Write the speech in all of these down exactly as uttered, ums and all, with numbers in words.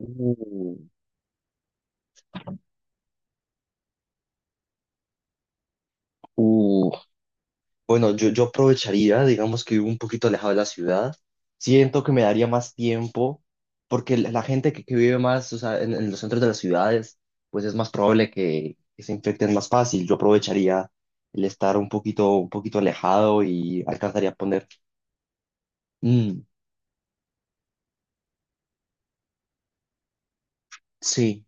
Uh, uh, Bueno, yo, yo aprovecharía, digamos que vivo un poquito alejado de la ciudad. Siento que me daría más tiempo, porque la la gente que, que vive más, o sea, en, en los centros de las ciudades, pues es más probable que, que se infecten más fácil. Yo aprovecharía el estar un poquito, un poquito alejado y alcanzaría a poner. Mm, sí,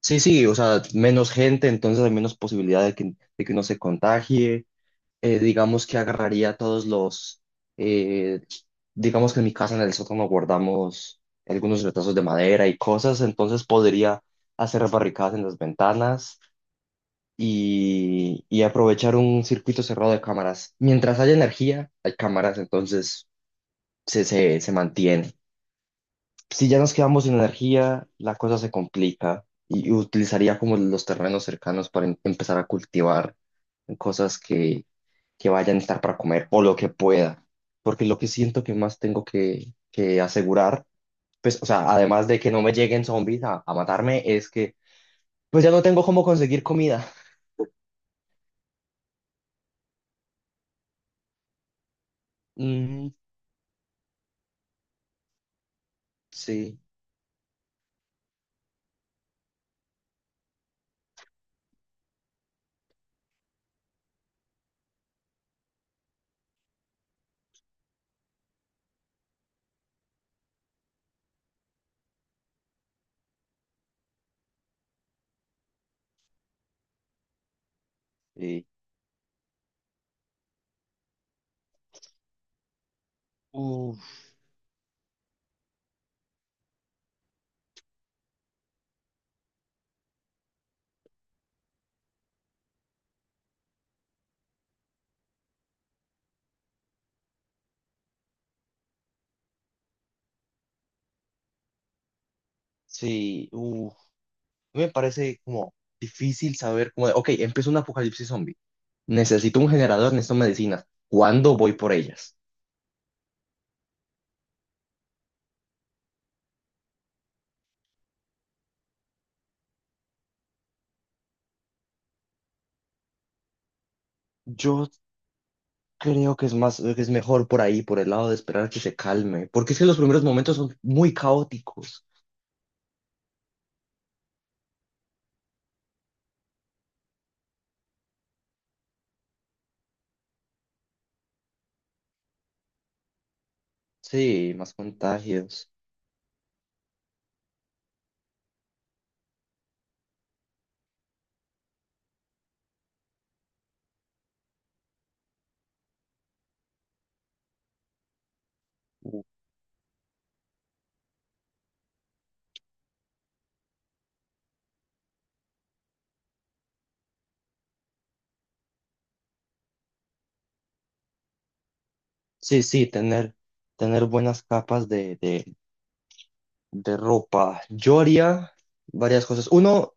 sí, sí, o sea, menos gente, entonces hay menos posibilidad de que, de que uno se contagie. Eh, digamos que agarraría todos los, eh, digamos que en mi casa en el sótano guardamos algunos retazos de madera y cosas, entonces podría hacer barricadas en las ventanas y, y aprovechar un circuito cerrado de cámaras. Mientras haya energía, hay cámaras, entonces se, se, se mantiene. Si ya nos quedamos sin energía, la cosa se complica y utilizaría como los terrenos cercanos para em- empezar a cultivar cosas que vaya a necesitar para comer o lo que pueda. Porque lo que siento que más tengo que, que asegurar, pues, o sea, además de que no me lleguen zombies a, a matarme, es que pues ya no tengo cómo conseguir comida. Mm, sí, sí. Uf, sí, uf. Me parece como difícil saber cómo, de, ok, empezó un apocalipsis zombie. Necesito un generador, necesito medicinas. ¿Cuándo voy por ellas? Yo creo que es más, que es mejor por ahí, por el lado de esperar que se calme, porque es que los primeros momentos son muy caóticos. Sí, más contagios. Sí, sí, tener, tener buenas capas de, de, De ropa, yo haría varias cosas. Uno,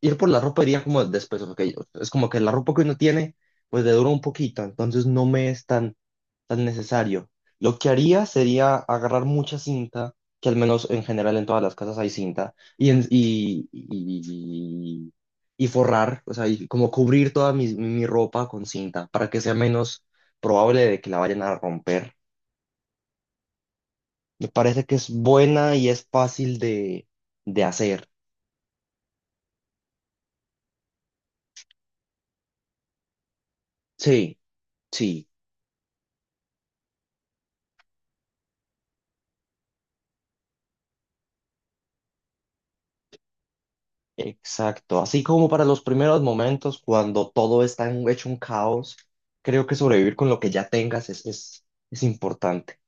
ir por la ropa iría como después, ok. Es como que la ropa que uno tiene, pues le dura un poquito, entonces no me es tan, tan necesario. Lo que haría sería agarrar mucha cinta, que al menos en general en todas las casas hay cinta, y, en- y, y, y forrar, o sea, y como cubrir toda mi, mi ropa con cinta para que sea menos probable de que la vayan a romper. Me parece que es buena y es fácil de de hacer. Sí, sí, exacto. Así como para los primeros momentos, cuando todo está en- hecho un caos, creo que sobrevivir con lo que ya tengas es, es, es importante.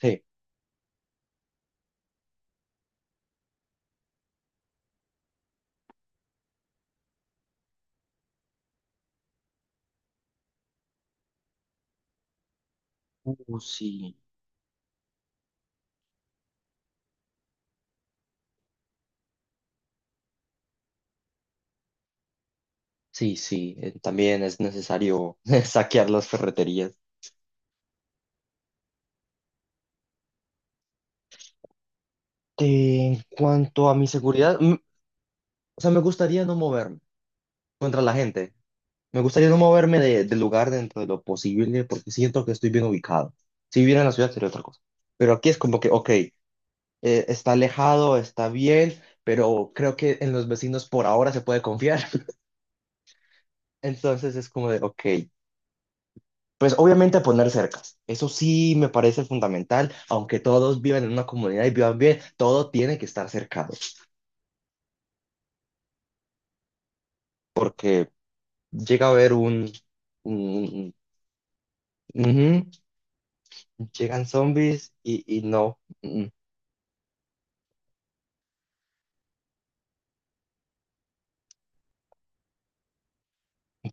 Sí. Uh, sí, sí, sí. eh, También es necesario saquear las ferreterías. Eh, En cuanto a mi seguridad, mm, o sea, me gustaría no moverme contra la gente. Me gustaría no moverme de- del lugar dentro de lo posible porque siento que estoy bien ubicado. Si viviera en la ciudad sería otra cosa. Pero aquí es como que, ok. eh, está alejado, está bien, pero creo que en los vecinos por ahora se puede confiar. Entonces es como de, ok, pues obviamente poner cercas. Eso sí me parece fundamental, aunque todos vivan en una comunidad y vivan bien, todo tiene que estar cercado, porque llega a haber un... un- un- ujú, llegan zombies y, y no. Mm,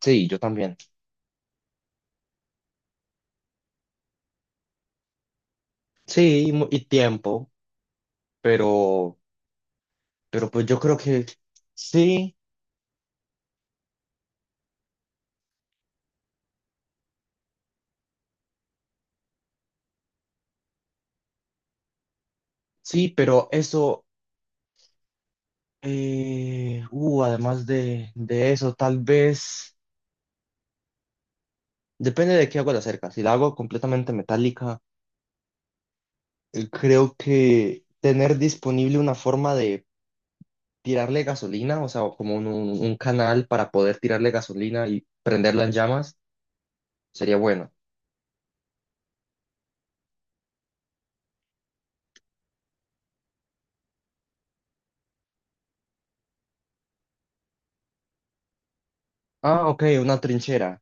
sí, yo también. Sí, y, mu- y tiempo, pero, pero pues yo creo que sí, sí, pero eso. Eh, uh, además de, de eso, tal vez, depende de qué hago la cerca. Si la hago completamente metálica, eh, creo que tener disponible una forma de tirarle gasolina, o sea, o como un, un- un canal para poder tirarle gasolina y prenderla en llamas, sería bueno. Ah, ok, una trinchera.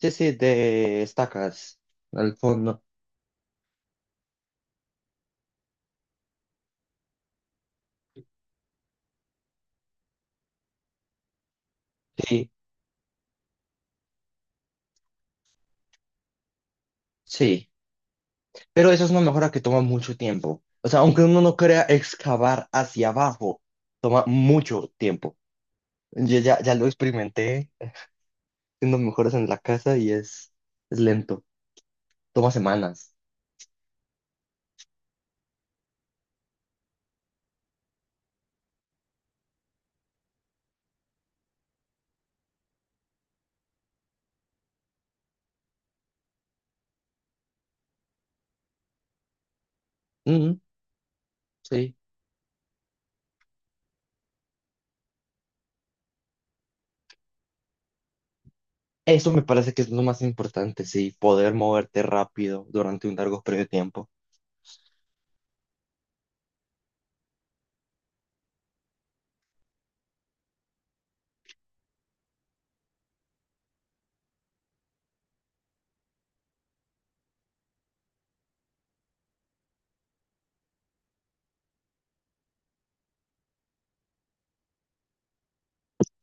Sí, sí, de estacas al fondo. Sí, sí. Pero eso es una mejora que toma mucho tiempo. O sea, aunque uno no crea excavar hacia abajo, toma mucho tiempo. Yo ya, ya lo experimenté haciendo mejoras en la casa y es, es lento, toma semanas. Ujú, sí. Eso me parece que es lo más importante, sí, poder moverte rápido durante un largo periodo de tiempo.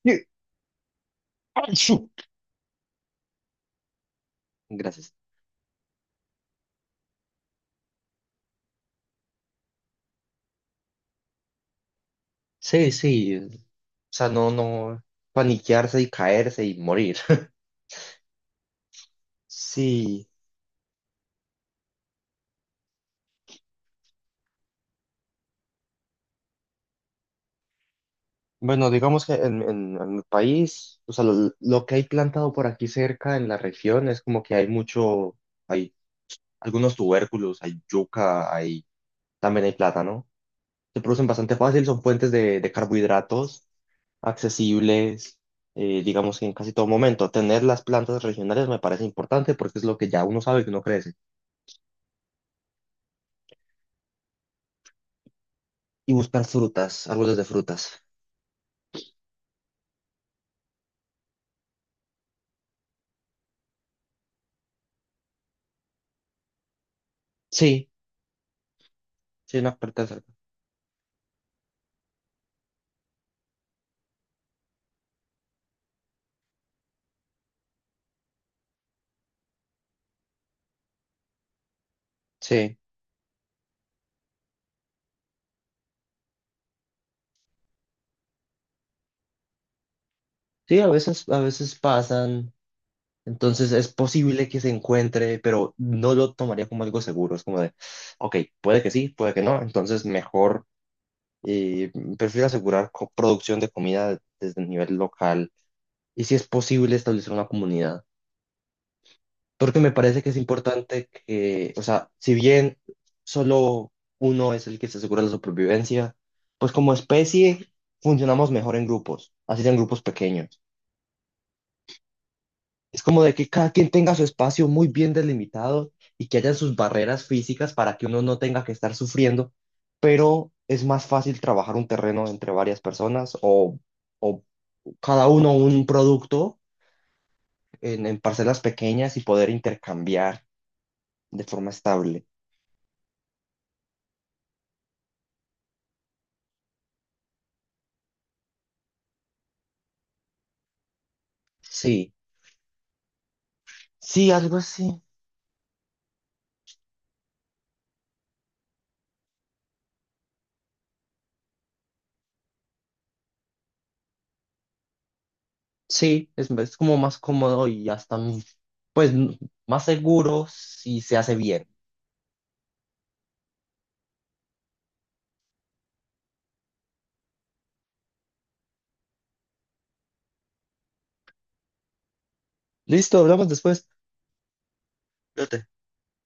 Sí. ¡Achú! Gracias. Sí, sí. O sea, no, no paniquearse y caerse y morir. Sí, bueno, digamos que en, en, en mi país, o sea, lo, lo que hay plantado por aquí cerca en la región es como que hay mucho, hay algunos tubérculos, hay yuca, hay También hay plátano. Se producen bastante fácil, son fuentes de, de carbohidratos accesibles, eh, digamos que en casi todo momento. Tener las plantas regionales me parece importante porque es lo que ya uno sabe que uno crece. Y buscar frutas, árboles de frutas. Sí, sí, una puerta cerca. Sí, sí, a veces, a veces pasan. Entonces es posible que se encuentre, pero no lo tomaría como algo seguro. Es como de, ok, puede que sí, puede que no. Entonces mejor. Eh, prefiero asegurar co- producción de comida desde el nivel local y si es posible establecer una comunidad. Porque me parece que es importante que, o sea, si bien solo uno es el que se asegura la supervivencia, pues como especie funcionamos mejor en grupos, así sean grupos pequeños. Es como de que cada quien tenga su espacio muy bien delimitado y que haya sus barreras físicas para que uno no tenga que estar sufriendo, pero es más fácil trabajar un terreno entre varias personas o o cada uno un producto en, en parcelas pequeñas y poder intercambiar de forma estable. Sí, sí, algo así. Sí, es, es como más cómodo y hasta, mm, pues, mm, más seguro si se hace bien. Listo, hablamos después. Cuídate.